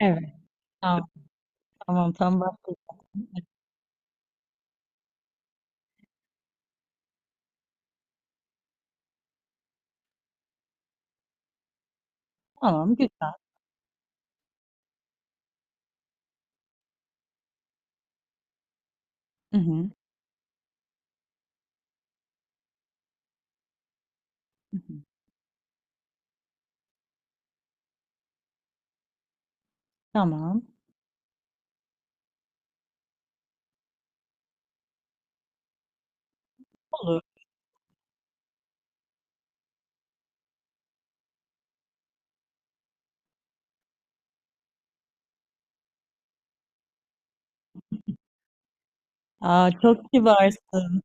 Evet. Tamam, tamam, tam başlayacağım. Tamam, güzel. Hı hı, hı hı. Tamam, olur. Aa, çok kibarsın.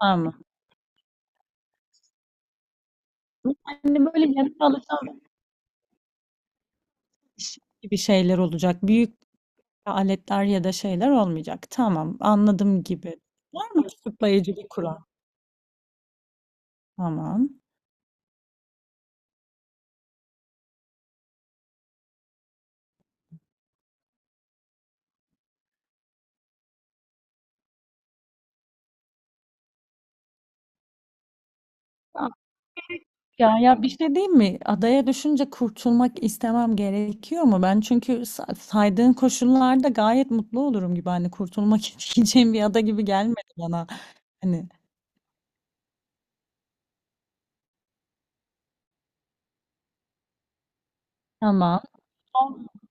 Tamam. Yani böyle yanına alacağım gibi şeyler olacak. Büyük aletler ya da şeyler olmayacak. Tamam, anladım gibi. Var mı açıklayıcı bir kural? Tamam. Ya ya bir şey diyeyim mi? Adaya düşünce kurtulmak istemem gerekiyor mu? Ben çünkü saydığın koşullarda gayet mutlu olurum gibi. Hani kurtulmak isteyeceğim bir ada gibi gelmedi bana. Hani tamam. Olmayacak.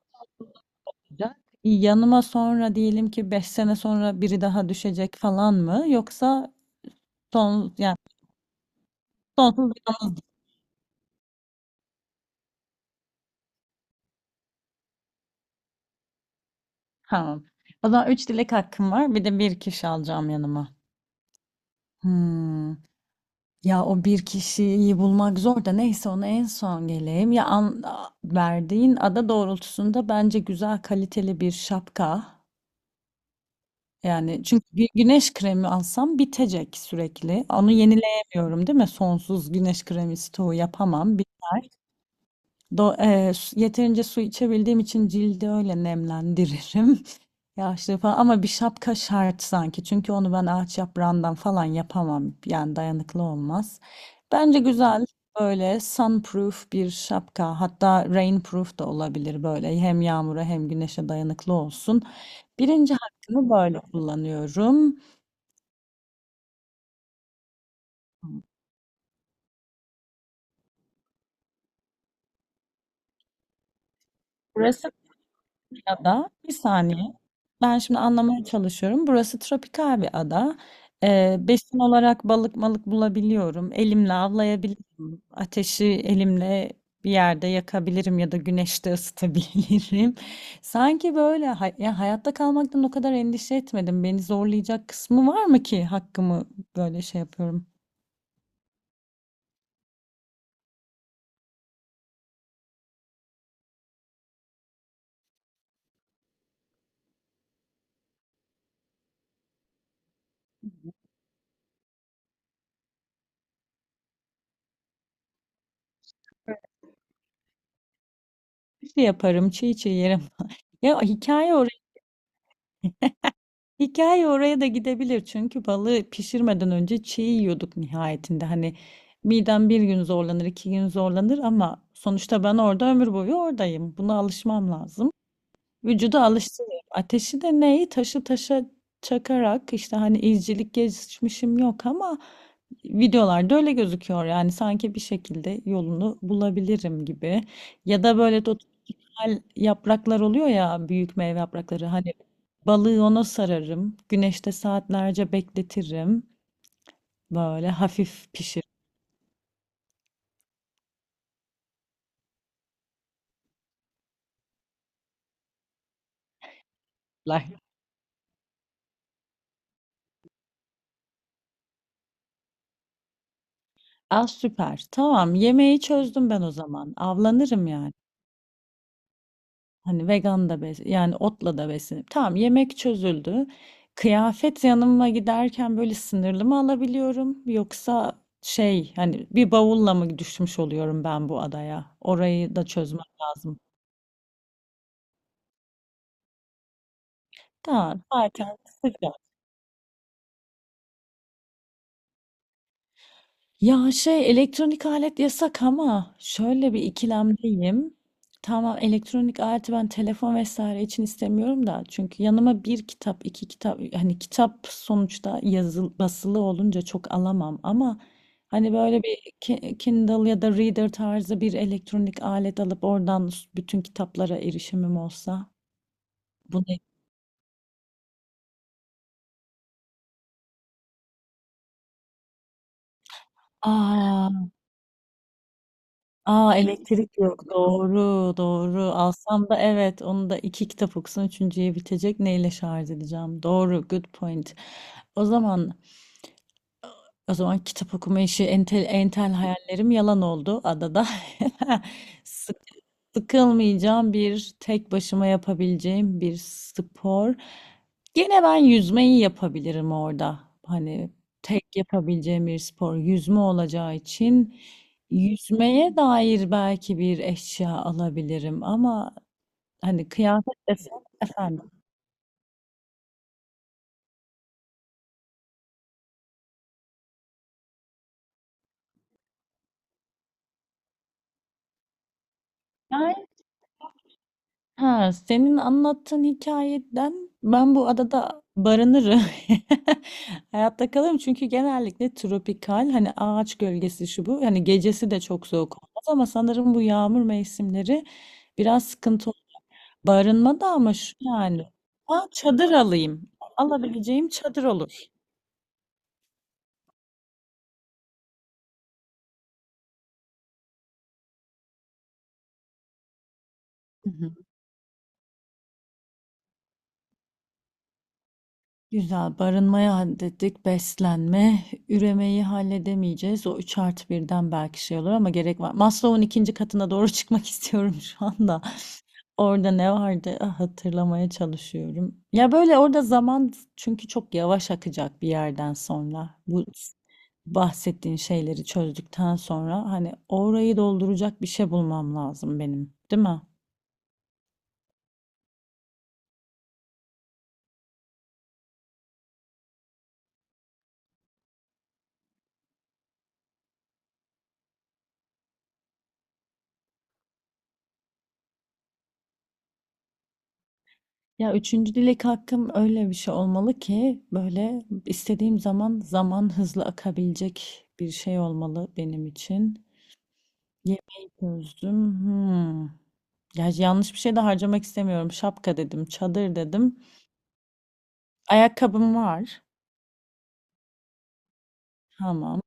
Yanıma sonra diyelim ki 5 sene sonra biri daha düşecek falan mı? Yoksa son yani sonsuz yalnız. Tamam. O zaman 3 dilek hakkım var. Bir de bir kişi alacağım yanıma. Hmm. Ya o bir kişiyi bulmak zor da neyse ona en son geleyim. Verdiğin ada doğrultusunda bence güzel kaliteli bir şapka. Yani çünkü güneş kremi alsam bitecek sürekli. Onu yenileyemiyorum değil mi? Sonsuz güneş kremi stoğu yapamam. Biter. Yeterince su içebildiğim için cildi öyle nemlendiririm. Yağışlı falan ama bir şapka şart sanki. Çünkü onu ben ağaç yaprağından falan yapamam. Yani dayanıklı olmaz. Bence güzel böyle sunproof bir şapka. Hatta rainproof da olabilir böyle. Hem yağmura hem güneşe dayanıklı olsun. Birinci hakkımı böyle kullanıyorum. Ya da bir saniye. Ben şimdi anlamaya çalışıyorum. Burası tropikal bir ada. Besin olarak balık malık bulabiliyorum. Elimle avlayabilirim. Ateşi elimle bir yerde yakabilirim ya da güneşte ısıtabilirim. Sanki böyle hayatta kalmaktan o kadar endişe etmedim. Beni zorlayacak kısmı var mı ki hakkımı böyle şey yapıyorum. Bir şey yaparım, çiğ çiğ yerim. Ya hikaye oraya. Hikaye oraya da gidebilir çünkü balığı pişirmeden önce çiğ yiyorduk nihayetinde. Hani midem bir gün zorlanır, iki gün zorlanır ama sonuçta ben orada ömür boyu oradayım. Buna alışmam lazım. Vücudu alıştırıyorum. Ateşi de neyi? Taşı taşa çakarak işte hani izcilik geçmişim yok ama videolarda öyle gözüküyor. Yani sanki bir şekilde yolunu bulabilirim gibi. Ya da böyle tropikal yapraklar oluyor ya büyük meyve yaprakları. Hani balığı ona sararım. Güneşte saatlerce bekletirim. Böyle hafif pişirirler. Ah süper. Tamam, yemeği çözdüm ben o zaman. Avlanırım yani. Hani vegan da bes yani otla da beslenip tamam, yemek çözüldü. Kıyafet yanıma giderken böyle sınırlı mı alabiliyorum yoksa şey hani bir bavulla mı düşmüş oluyorum ben bu adaya? Orayı da çözmem lazım. Tamam zaten sıcak. Ya şey elektronik alet yasak ama şöyle bir ikilemdeyim. Tamam, elektronik aleti ben telefon vesaire için istemiyorum da çünkü yanıma bir kitap iki kitap hani kitap sonuçta yazılı basılı olunca çok alamam ama hani böyle bir Kindle ya da Reader tarzı bir elektronik alet alıp oradan bütün kitaplara erişimim olsa bu ne? Aa. A, elektrik yok. Doğru, doğru. Alsam da evet, onu da 2 kitap okusan üçüncüye bitecek. Neyle şarj edeceğim? Doğru, good point. O zaman o zaman kitap okuma işi entel entel hayallerim yalan oldu adada. Sık- Sıkılmayacağım bir tek başıma yapabileceğim bir spor. Gene ben yüzmeyi yapabilirim orada. Hani tek yapabileceğim bir spor yüzme olacağı için yüzmeye dair belki bir eşya alabilirim ama hani kıyafet desem efendim. Ha, senin anlattığın hikayeden ben bu adada barınırım. Hayatta kalırım çünkü genellikle tropikal hani ağaç gölgesi şu bu. Hani gecesi de çok soğuk olmaz ama sanırım bu yağmur mevsimleri biraz sıkıntı olur. Barınma da ama şu yani. Ha, çadır alayım. Alabileceğim çadır olur. Güzel. Barınmayı hallettik. Beslenme. Üremeyi halledemeyeceğiz. O 3 artı birden belki şey olur ama gerek var. Maslow'un ikinci katına doğru çıkmak istiyorum şu anda. Orada ne vardı? Ah, hatırlamaya çalışıyorum. Ya böyle orada zaman çünkü çok yavaş akacak bir yerden sonra. Bu bahsettiğin şeyleri çözdükten sonra hani orayı dolduracak bir şey bulmam lazım benim, değil mi? Ya üçüncü dilek hakkım öyle bir şey olmalı ki böyle istediğim zaman zaman hızlı akabilecek bir şey olmalı benim için. Yemeği çözdüm. Hmm. Ya yanlış bir şey de harcamak istemiyorum. Şapka dedim, çadır dedim. Ayakkabım var. Tamam.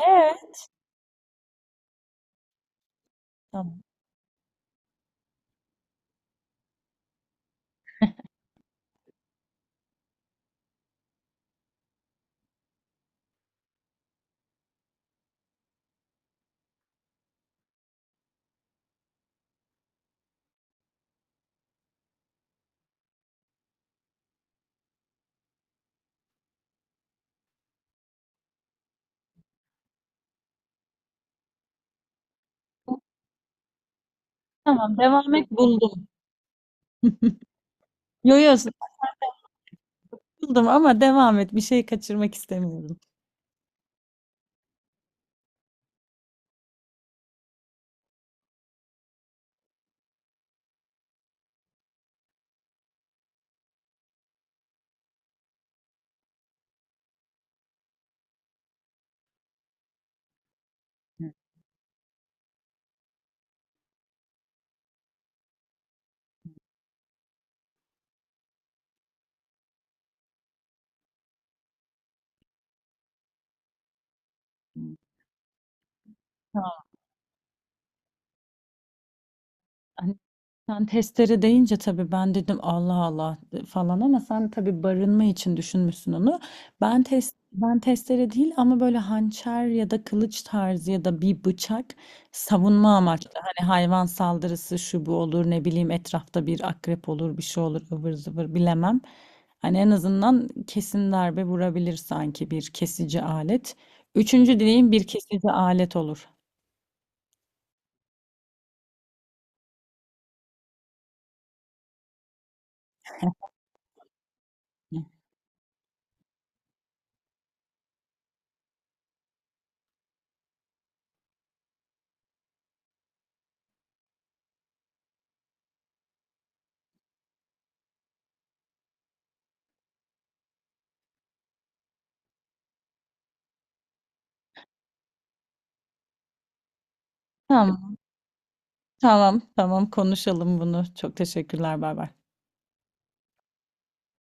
Ee? Tamam. Tamam, devam et, buldum. Yo yo, buldum ama devam et. Bir şey kaçırmak istemiyorum. Hı hı. Hani sen testere deyince tabii ben dedim Allah Allah falan ama sen tabii barınma için düşünmüşsün onu. Ben testere değil ama böyle hançer ya da kılıç tarzı ya da bir bıçak savunma amaçlı. Hani hayvan saldırısı şu bu olur ne bileyim etrafta bir akrep olur bir şey olur ıvır zıvır bilemem. Hani en azından kesin darbe vurabilir sanki bir kesici alet. Üçüncü dileğim bir kesici alet olur. Tamam. Tamam, tamam konuşalım bunu. Çok teşekkürler. Bay bay.